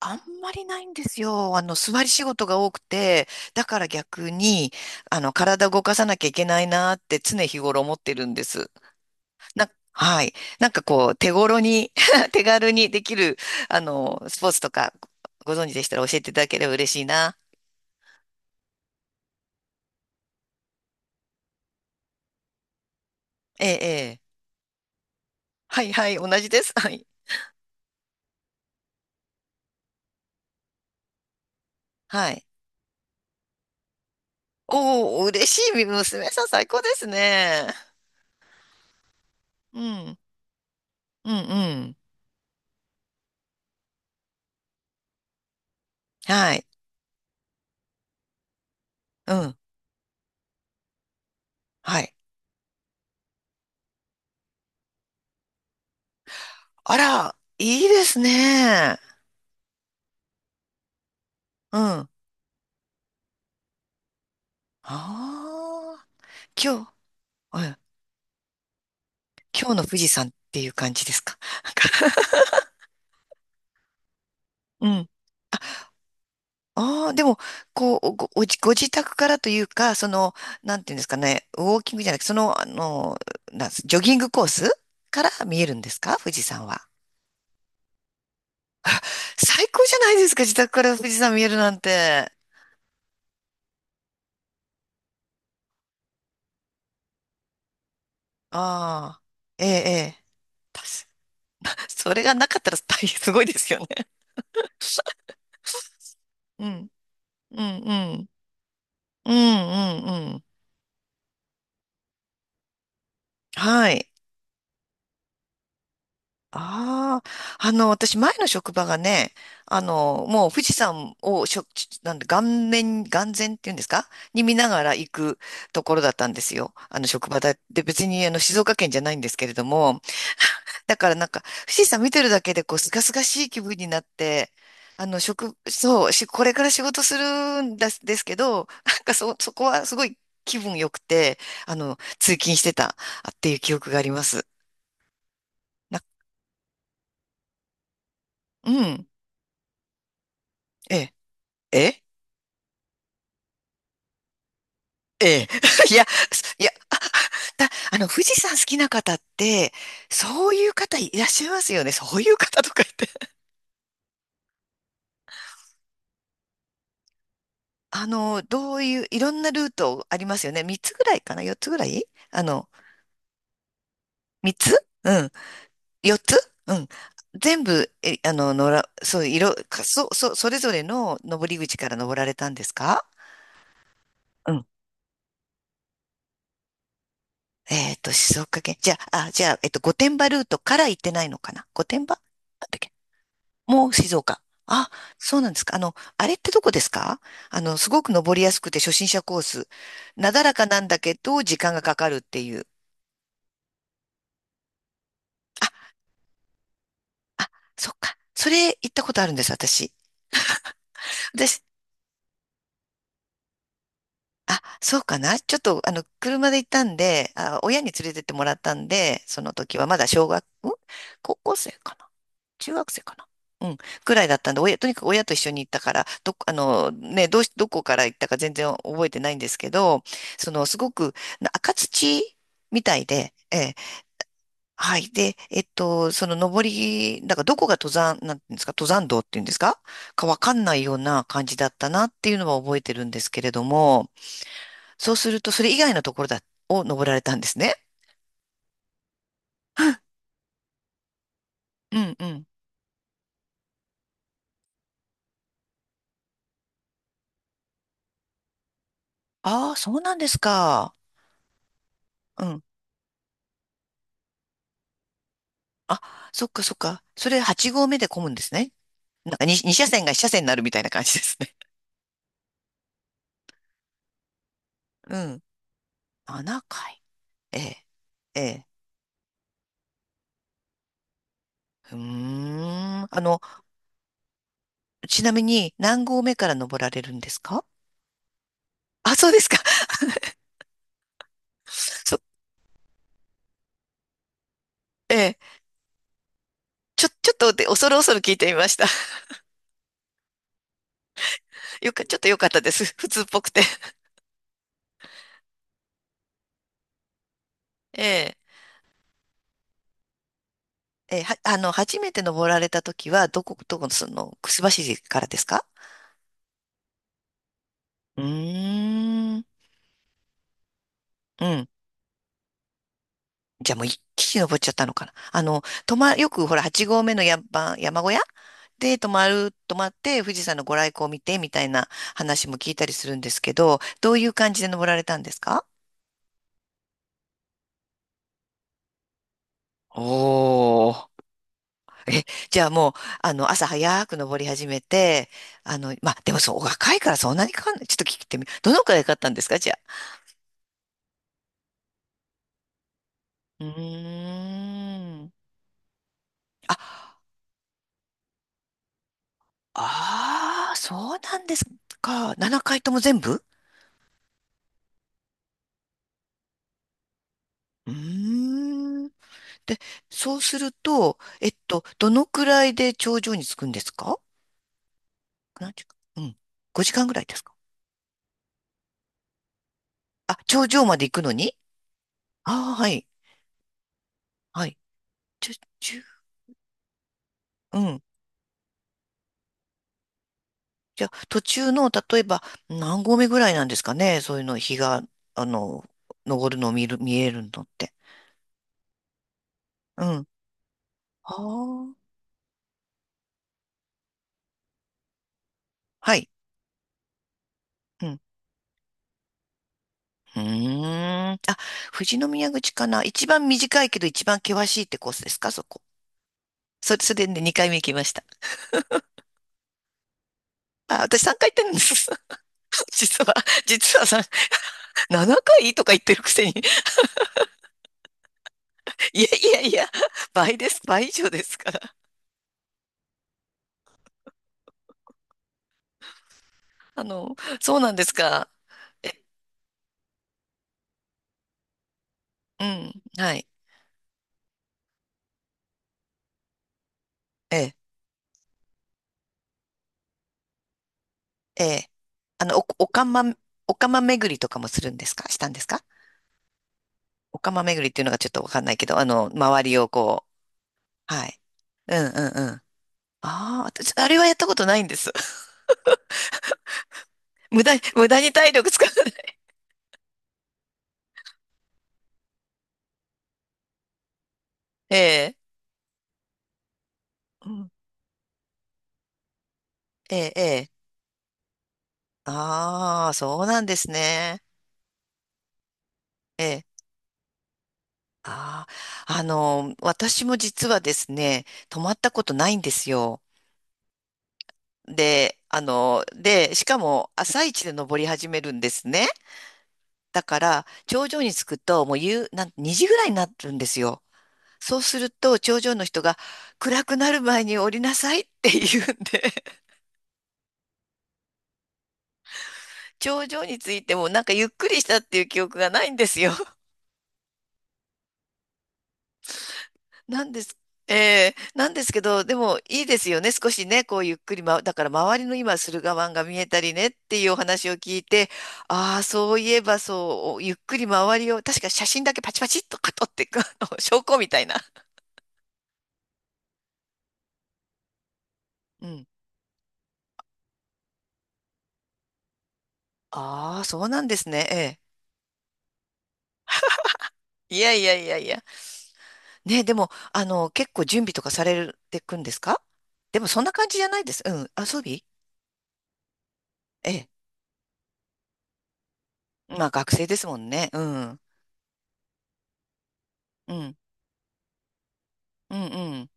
あんまりないんですよ。座り仕事が多くて、だから逆に、体動かさなきゃいけないなって常日頃思ってるんです。はい。なんかこう、手頃に 手軽にできる、スポーツとか、ご存知でしたら教えていただければ嬉しいな。ええ、ええ。はいはい、同じです。はい。はい。おお、嬉しい。娘さん最高ですね。うん、うん、うん。はい。うん。はい。あら、いいですね。うん。ああ、今日、うん、今日の富士山っていう感じですか？なんか、 うん。ああ、でも、こう、ご自宅からというか、その、なんていうんですかね、ウォーキングじゃなくて、その、あの、なんすジョギングコースから見えるんですか、富士山は？最高じゃないですか、自宅から富士山見えるなんて。ああ、ええ、ええ。たしそれがなかったら大変すごいですよね。うん、うん、うん、うん、うん、うん。はい。ああ、私、前の職場がね、もう富士山をなんで、顔面、眼前っていうんですか、に見ながら行くところだったんですよ。あの、職場だ。で、別に、静岡県じゃないんですけれども、だからなんか、富士山見てるだけで、こう、すがすがしい気分になって、職、そう、し、これから仕事するんですけど、なんかそこはすごい気分良くて、通勤してたっていう記憶があります。な、うん、ええ、ええええ。いや、すいや、だ、富士山好きな方って、そういう方いらっしゃいますよね。そういう方とか言って。どういう、いろんなルートありますよね。3つぐらいかな？ 4 つぐらい、あの、3つ。うん。4つ。うん。全部、え、あの、のら、そう、いろ、かそ、そ、それぞれの登り口から登られたんですか？うん。静岡県。じゃあ、御殿場ルートから行ってないのかな？御殿場、なんだっけ？もう静岡。あ、そうなんですか。あれってどこですか？すごく登りやすくて初心者コース。なだらかなんだけど、時間がかかるっていう。あ、あ、そっか。それ行ったことあるんです、私。私、あ、そうかな。ちょっと、車で行ったんで、あ、親に連れてってもらったんで、その時はまだ小学、ん高校生かな。中学生かな。うん。くらいだったんで、親、とにかく親と一緒に行ったから、どっ、あの、ね、どうし、どこから行ったか全然覚えてないんですけど、その、すごく、赤土みたいで、ええ、はい。で、その登り、なんからどこが登山、なんていうんですか、登山道っていうんですか、かわかんないような感じだったなっていうのは覚えてるんですけれども、そうすると、それ以外のところだ、を登られたんですね。うんうん。ああ、そうなんですか。うん。あ、そっかそっか。それ8合目で混むんですね。なんか 2, 2車線が1車線になるみたいな感じですね。うん。7回。ええ。ええ。うーん。ちなみに何合目から登られるんですか？ あ、そうですか。そ、ええ。ちょっとで、恐る恐る聞いてみました。ちょっとよかったです。普通っぽくて。ええ。ええ、は、あの、初めて登られた時は、どこの、その、くすばしからですか？うーん。うん。じゃあもう一気に登っちゃったのかな。よくほら、8合目の山小屋で泊まって富士山のご来光を見てみたいな話も聞いたりするんですけど、どういう感じで登られたんですか？おー。え、じゃあもう、朝早く登り始めて、まあ、でもそう、お若いからそんなにかかんない。ちょっと聞いてみ、どのくらいかかったんですか、じゃあ。うーん。あ、ああ、そうなんですか。7回とも全部。うーん。で、そうすると、どのくらいで頂上に着くんですか？何時間。うん。5時間ぐらいですか？あ、頂上まで行くのに。ああ、はい。はい。じゃ、ちううん。じゃあ、途中の、例えば、何合目ぐらいなんですかね、そういうの、日が、あの、昇るのを見えるのって。うん。ああ。はい。うん。うーん。あ、富士宮口かな、一番短いけど一番険しいってコースですか、そこ。それでね、2回目行きました。あ、私3回行ってるんです。実は、さ、7回とか言ってるくせに、いやいやいや、倍です、倍以上ですから。そうなんですか。え、うん、はい、ええ、ええ。あの、お、おかま、おかま巡りとかもするんですか？したんですか？おかま巡りっていうのがちょっとわかんないけど、周りをこう、はい。うんうんうん。ああ、私、あれはやったことないんです。無駄に、無駄に体力使わない。ええ、うん、ええ、ええ。ああ、そうなんですね。ええ。ああ、私も実はですね、泊まったことないんですよ。で、で、しかも朝一で登り始めるんですね。だから、頂上に着くと、もう夕、なん、2時ぐらいになるんですよ。そうすると、頂上の人が、暗くなる前に降りなさいって言うんで、頂上に着いてもなんかゆっくりしたっていう記憶がないんですよ。なんです。なんですけど、でもいいですよね。少しね、こうゆっくり、ま、だから周りの今、駿河湾が見えたりねっていうお話を聞いて、ああ、そういえばそう、ゆっくり周りを、確か写真だけパチパチっと撮っていく、あの証拠みたいな。うん。ああ、そうなんですね。ええ。いやいやいやいや。ね、でも、結構準備とかされてくんですか？でもそんな感じじゃないです。うん。ええ。まあ学生ですもんね。うん。うん。うんうん。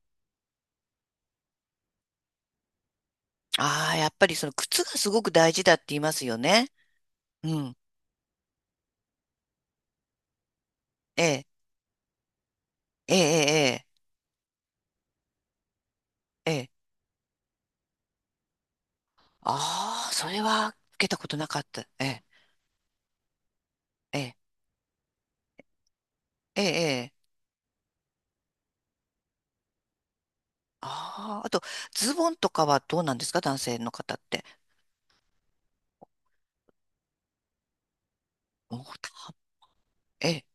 ああ、やっぱりその靴がすごく大事だって言いますよね。うん。ええ、ええ、ええ、ええ。ああー、それは受けたことなかった。ええ、ええ、ええ、ええ。ああ、あと、ズボンとかはどうなんですか、男性の方って。おたええ、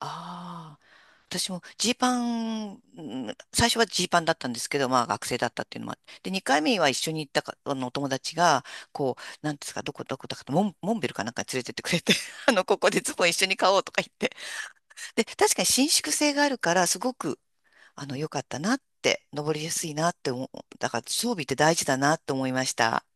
ああ、私もジーパン、ん最初はジーパンだったんですけど、まあ学生だったっていうのもあって、で、2回目は一緒に行ったか、お友達が、こう、なんですか、どこどこだかと、モンベルかなんかに連れてってくれて、ここでズボン一緒に買おうとか言って。で、確かに伸縮性があるから、すごく、良かったなって、登りやすいなって思う、だから装備って大事だなって思いました。